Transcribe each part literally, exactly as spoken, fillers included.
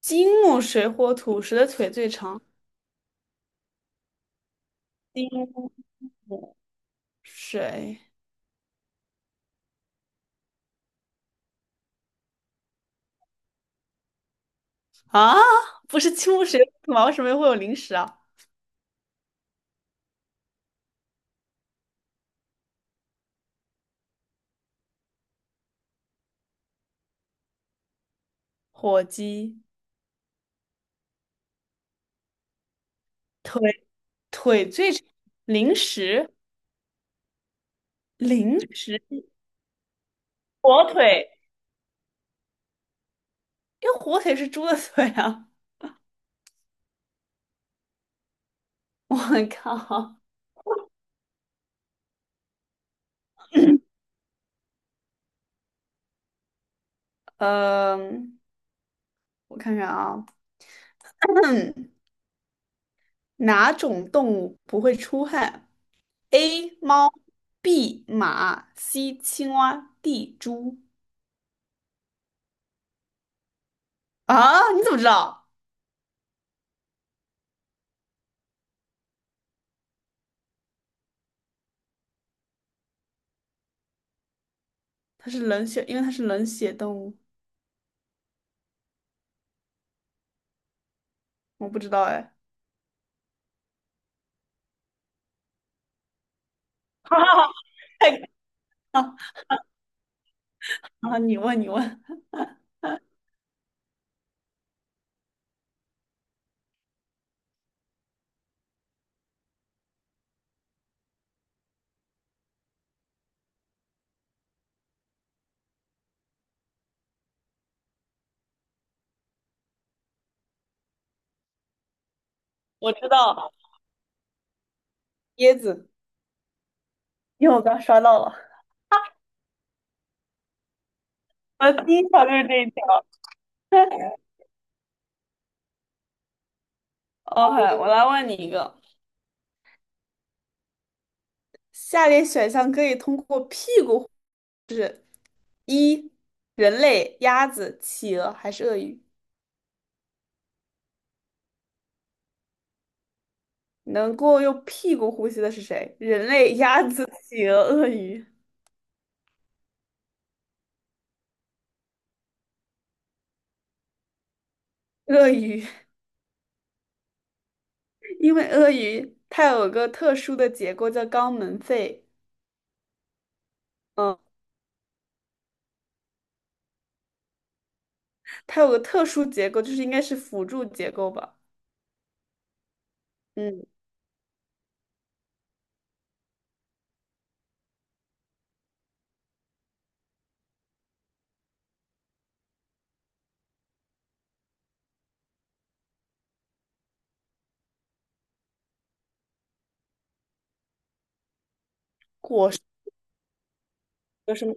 金木水火土，谁的腿最长？金木水啊，不是金木水火土吗？为什么会有零食啊？火鸡腿腿最长，零食零食，火腿，因为火腿是猪的腿啊！我靠，嗯、我看看啊，哪种动物不会出汗？A 猫，B 马，C 青蛙，D 猪。啊，你怎么知道？它是冷血，因为它是冷血动物，我不知道哎。哈哈哈，太搞笑了啊，你问你问，我知道椰子，因为我刚刷到了。我的第一条就是这一条。OK，我来问你一个：下列选项可以通过屁股：一、人类、鸭子、企鹅还是鳄鱼？能够用屁股呼吸的是谁？人类、鸭子、企鹅、鳄鱼。鳄鱼，因为鳄鱼它有个特殊的结构叫肛门肺。嗯。它有个特殊结构，就是应该是辅助结构吧。嗯，果实有什么？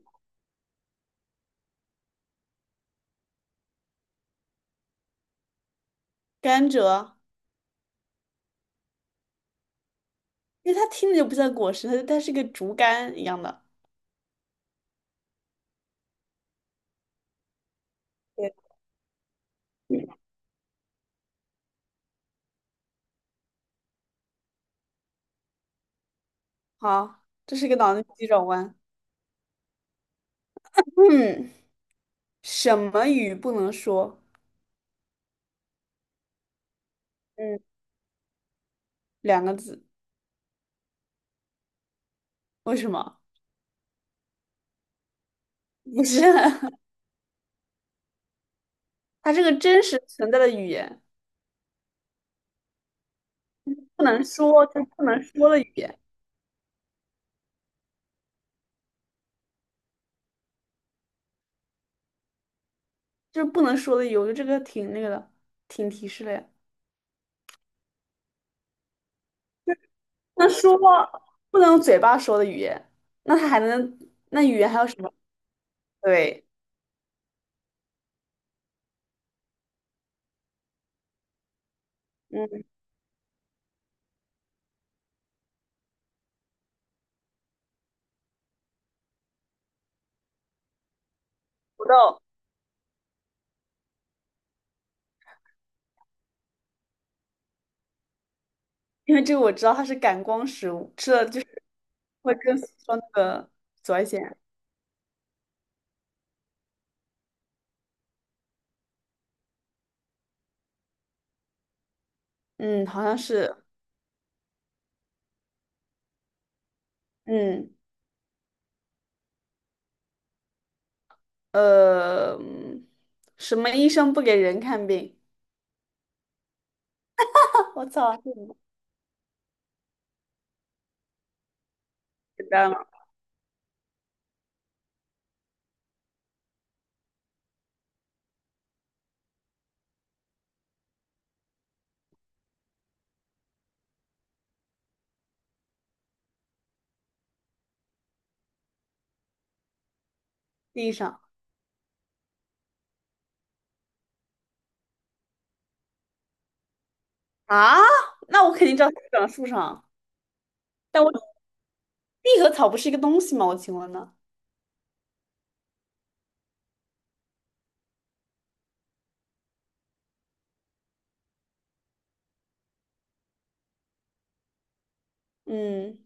甘蔗，因为它听着就不像果实，它它是个竹竿一样的。对，好，这是个脑筋急转弯。嗯，什么语不能说？嗯，两个字，为什么？不是，它是个真实存在的语言，不能说就不能说的语言，就是不能说的语言。我觉得这个挺那个的，挺提示的呀。那说话不能用嘴巴说的语言，那它还能，那语言还有什么？对，嗯，土豆，因为这个我知道它是感光食物，吃了就是会更说那个紫外线。嗯，好像是，嗯，呃，嗯什么医生不给人看病？我操，这么简单吗？地上啊？那我肯定知道它长树上，但我地和草不是一个东西吗？我请问呢？嗯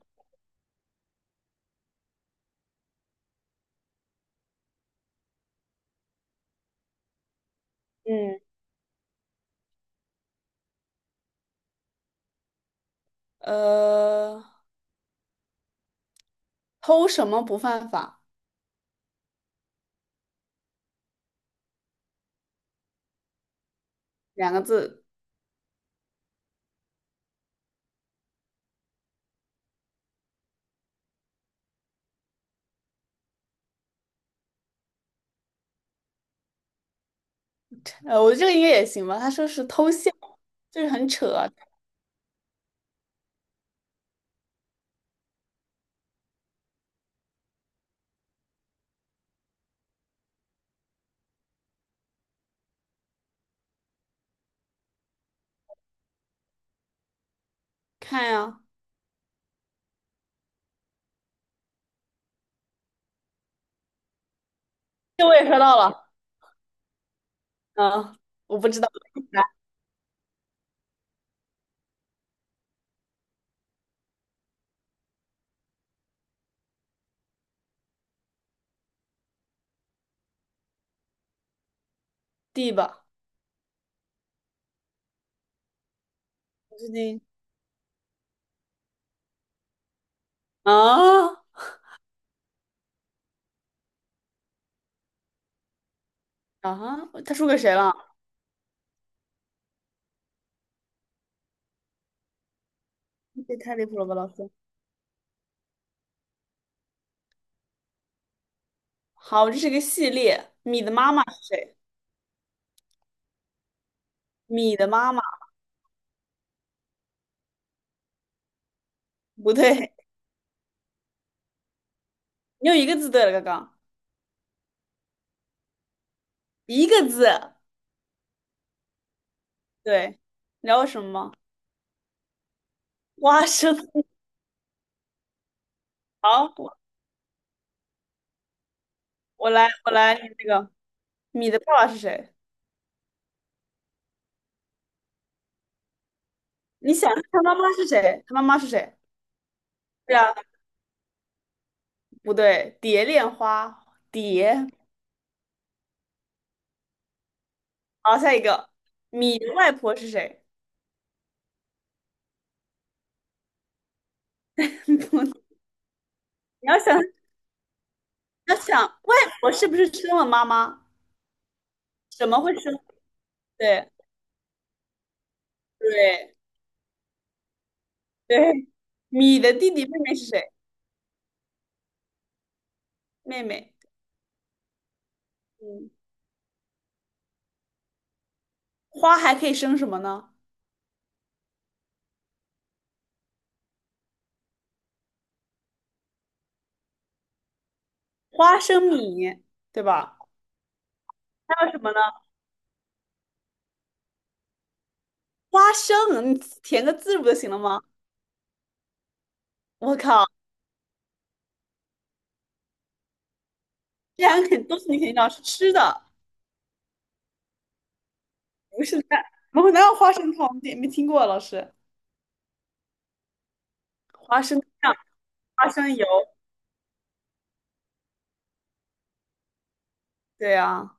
嗯，呃，偷什么不犯法？两个字，呃，我觉得这个应该也行吧。他说是偷笑，就是很扯啊看呀、这我也刷到了，嗯，我不知道，D 吧，我最近啊啊，他输给谁了？这太离谱了吧，老师！好，这是个系列，米的妈妈是谁？米的妈妈不对，你有一个字对了，刚刚一个字，对，你知道为什么吗？花生。好，我我来我来那个米的爸爸是谁？你想他妈妈是谁？他妈妈是谁？对啊，不对，蝶恋花蝶。好，下一个，米的外婆是谁？你要想，要想，外婆是不是生了妈妈？怎么会生？对对对，米的弟弟妹妹是谁？妹妹。嗯，花还可以生什么呢？花生米，对吧？还有什么呢？花生，你填个字不就行了吗？我靠，这两个肯都是你肯定要是吃的，不是蛋。我们哪有花生汤？没没听过啊老师。花生酱、花生油，对啊，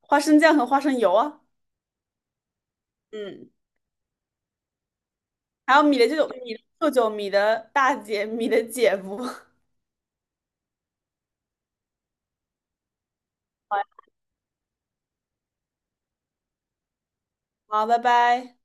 花生酱和花生油啊。嗯。还有米的舅舅、米的舅舅、米的大姐、米的姐夫。好，拜拜。